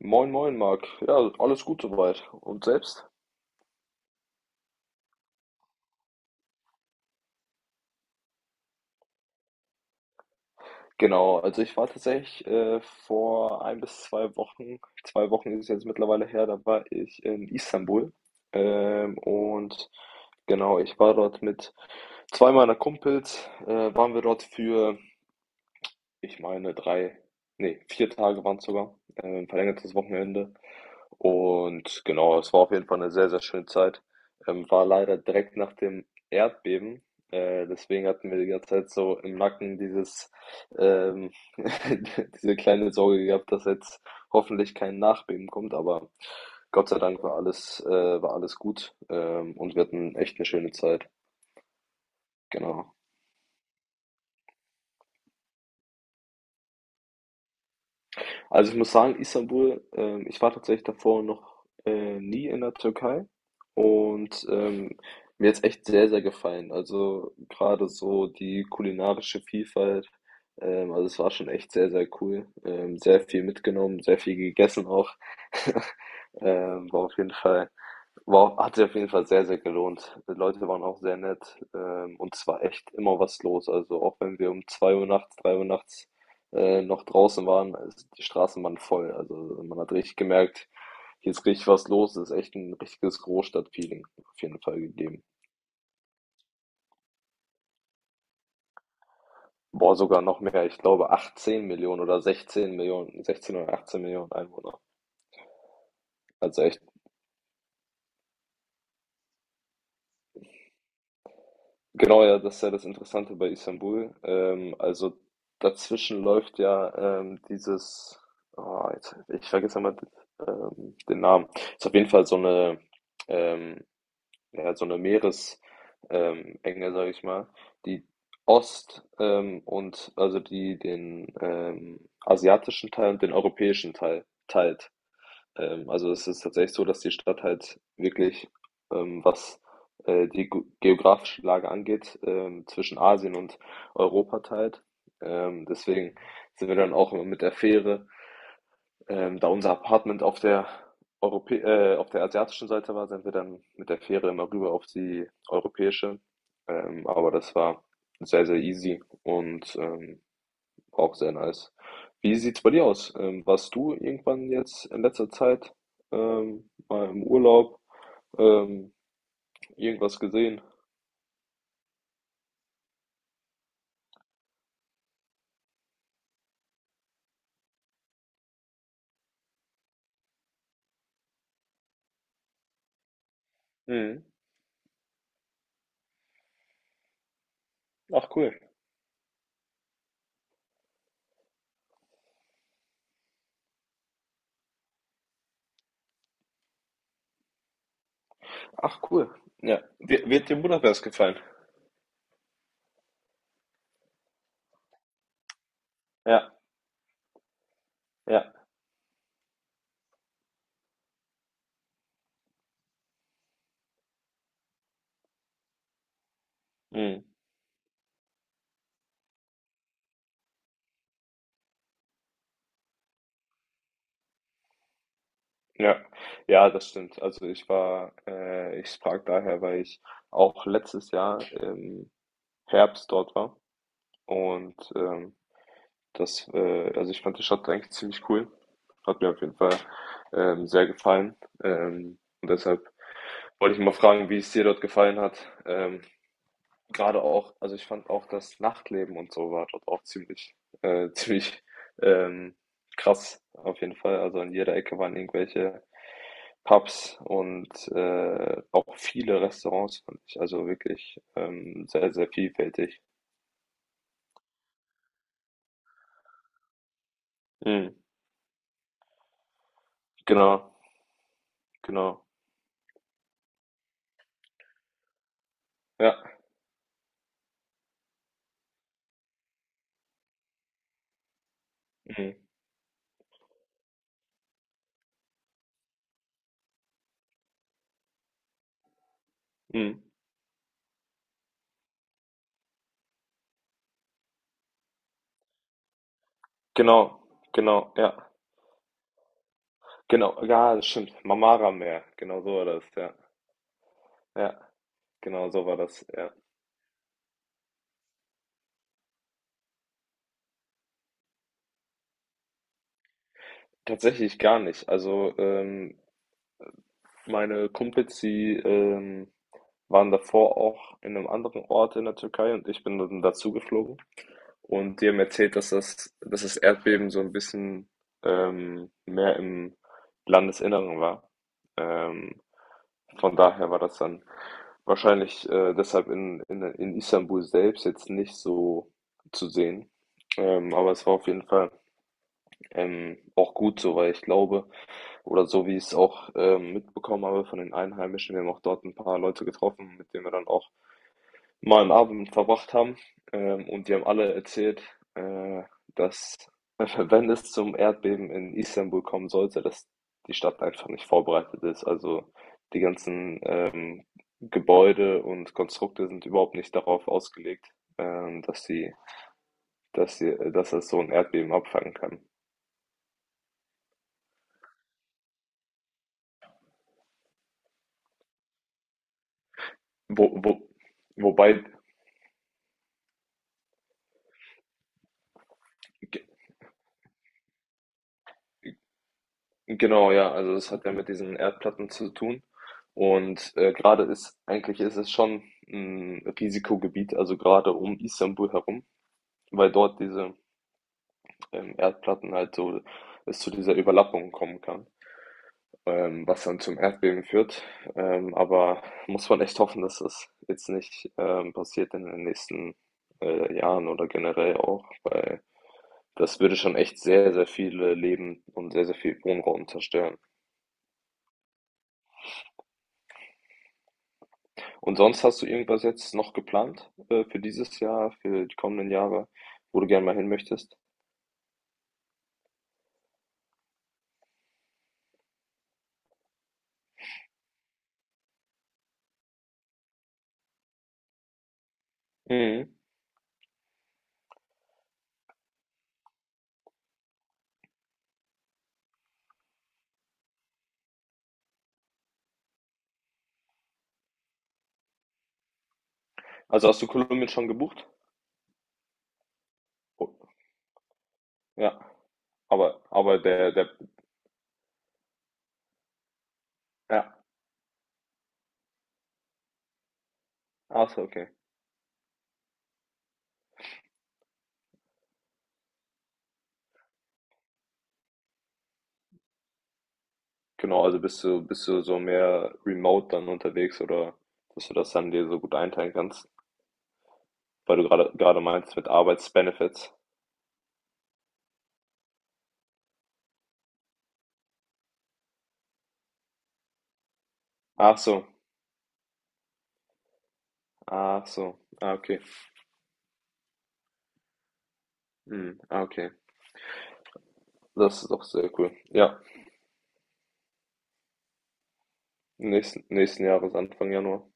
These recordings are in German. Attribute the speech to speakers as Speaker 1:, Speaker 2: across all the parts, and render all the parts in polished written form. Speaker 1: Moin, moin, Marc. Ja, alles gut soweit. Und selbst? Genau, also ich war tatsächlich vor 1 bis 2 Wochen, 2 Wochen ist es jetzt mittlerweile her, da war ich in Istanbul. Und genau, ich war dort mit zwei meiner Kumpels, waren wir dort für ich meine, 4 Tage waren es sogar, ein verlängertes Wochenende. Und genau, es war auf jeden Fall eine sehr, sehr schöne Zeit. War leider direkt nach dem Erdbeben, deswegen hatten wir die ganze Zeit so im Nacken ähm diese kleine Sorge gehabt, dass jetzt hoffentlich kein Nachbeben kommt, aber Gott sei Dank war alles gut, und wir hatten echt eine schöne Zeit. Genau. Also ich muss sagen, Istanbul, ich war tatsächlich davor noch nie in der Türkei und mir hat's echt sehr, sehr gefallen. Also gerade so die kulinarische Vielfalt, also es war schon echt sehr, sehr cool. Sehr viel mitgenommen, sehr viel gegessen auch. War auf jeden Fall. Wow, hat sich auf jeden Fall sehr, sehr gelohnt. Die Leute waren auch sehr nett, und es war echt immer was los. Also auch wenn wir um 2 Uhr nachts, 3 Uhr nachts, noch draußen waren, es die Straßen waren voll. Also man hat richtig gemerkt, hier ist richtig was los. Es ist echt ein richtiges Großstadtfeeling auf jeden Fall gegeben. Boah, sogar noch mehr. Ich glaube 18 Millionen oder 16 Millionen, 16 oder 18 Millionen Einwohner. Also echt. Genau, ja, das ist ja das Interessante bei Istanbul. Also dazwischen läuft ja dieses, oh, jetzt, ich vergesse immer den Namen. Ist auf jeden Fall so eine, ähm, ja, so eine Meeresenge, Enge, sag ich mal, die Ost und also die den asiatischen Teil und den europäischen Teil teilt. Also es ist tatsächlich so, dass die Stadt halt wirklich, was die geografische Lage angeht, zwischen Asien und Europa teilt. Deswegen sind wir dann auch immer mit der Fähre, da unser Apartment auf der asiatischen Seite war, sind wir dann mit der Fähre immer rüber auf die europäische. Aber das war sehr, sehr easy und auch sehr nice. Wie sieht's bei dir aus? Warst du irgendwann jetzt in letzter Zeit mal im Urlaub ähm, irgendwas gesehen? Mhm. Ach cool. Ach cool. Ja. Wird dir Budapest gefallen? Ja, ja. Mhm. Ja. Ja, das stimmt. Also ich frag daher, weil ich auch letztes Jahr im Herbst dort war und Also ich fand die Stadt eigentlich ziemlich cool. Hat mir auf jeden Fall sehr gefallen. Und deshalb wollte ich mal fragen, wie es dir dort gefallen hat. Ähm, gerade auch, also ich fand auch das Nachtleben und so war dort auch ziemlich, ziemlich ähm, krass auf jeden Fall. Also an jeder Ecke waren irgendwelche Pubs und auch viele Restaurants fand ich. Also wirklich sehr, sehr vielfältig. Mhm. Genau, genau. Ja. Mhm. Mhm. Genau, genau, ja. Genau, ja, das stimmt. Marmara-Meer, genau so war das, ja. Ja, genau so war das, ja. Tatsächlich gar nicht. Also, meine Kumpels, die waren davor auch in einem anderen Ort in der Türkei und ich bin dann dazu geflogen. Und die haben erzählt, dass das Erdbeben so ein bisschen mehr im Landesinneren war. Ähm, Von daher war das dann wahrscheinlich deshalb in Istanbul selbst jetzt nicht so zu sehen. Aber es war auf jeden Fall auch gut so, weil ich glaube, oder so wie ich es auch mitbekommen habe von den Einheimischen, wir haben auch dort ein paar Leute getroffen, mit denen wir dann auch mal 'n Abend verbracht haben, und die haben alle erzählt, äh, dass wenn es zum Erdbeben in Istanbul kommen sollte, dass die Stadt einfach nicht vorbereitet ist. Also, die ganzen, Gebäude und Konstrukte sind überhaupt nicht darauf ausgelegt, ähm, dass sie dass es so ein Erdbeben abfangen kann. Wo wo wobei Genau, ja, also es hat ja mit diesen Erdplatten zu tun. Und eigentlich ist es schon ein Risikogebiet, also gerade um Istanbul herum, weil dort diese Erdplatten halt so es zu dieser Überlappung kommen kann, was dann zum Erdbeben führt. Aber muss man echt hoffen, dass das jetzt nicht passiert in den nächsten Jahren oder generell auch, weil das würde schon echt sehr, sehr viele Leben und sehr, sehr viel Wohnraum zerstören. Und sonst hast du irgendwas jetzt noch geplant für dieses Jahr, für die kommenden Jahre, wo du gerne mal hin möchtest? Mhm. Also hast du Kolumbien schon gebucht? Oh, ja, aber der ja, ach so, okay. Genau, also bist du so mehr remote dann unterwegs oder dass du das dann dir so gut einteilen kannst, weil du gerade meinst mit Arbeitsbenefits. Ach so, ach so, ah okay, mhm. Ah okay, das ist doch sehr cool. Ja, nächsten Jahres Anfang Januar.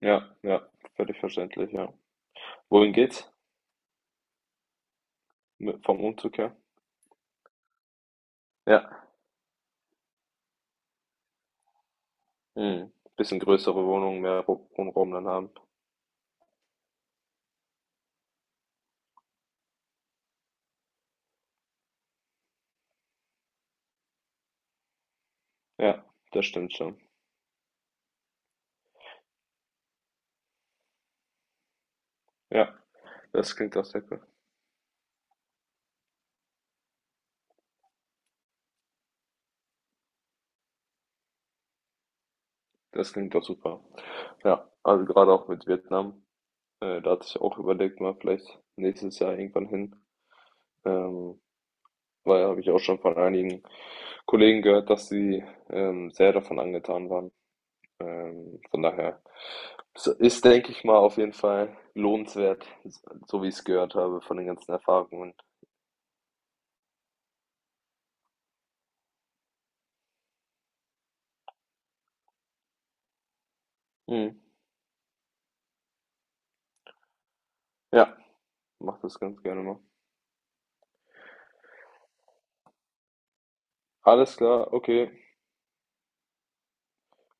Speaker 1: Ja, ja, völlig verständlich, ja. Wohin geht's vom Umzug her? Ja, mhm. Bisschen größere Wohnung, mehr Wohnraum dann haben. Ja, das stimmt schon. Ja, das klingt doch sehr cool. Das klingt doch super. Ja, also gerade auch mit Vietnam, da hatte ich auch überlegt, mal vielleicht nächstes Jahr irgendwann hin. Ähm, weil habe ich auch schon von einigen Kollegen gehört, dass sie sehr davon angetan waren. Von daher ist, denke ich mal, auf jeden Fall lohnenswert, so wie ich es gehört habe von den ganzen Erfahrungen. Mhm. Ja, mach das ganz gerne mal. Alles klar, okay.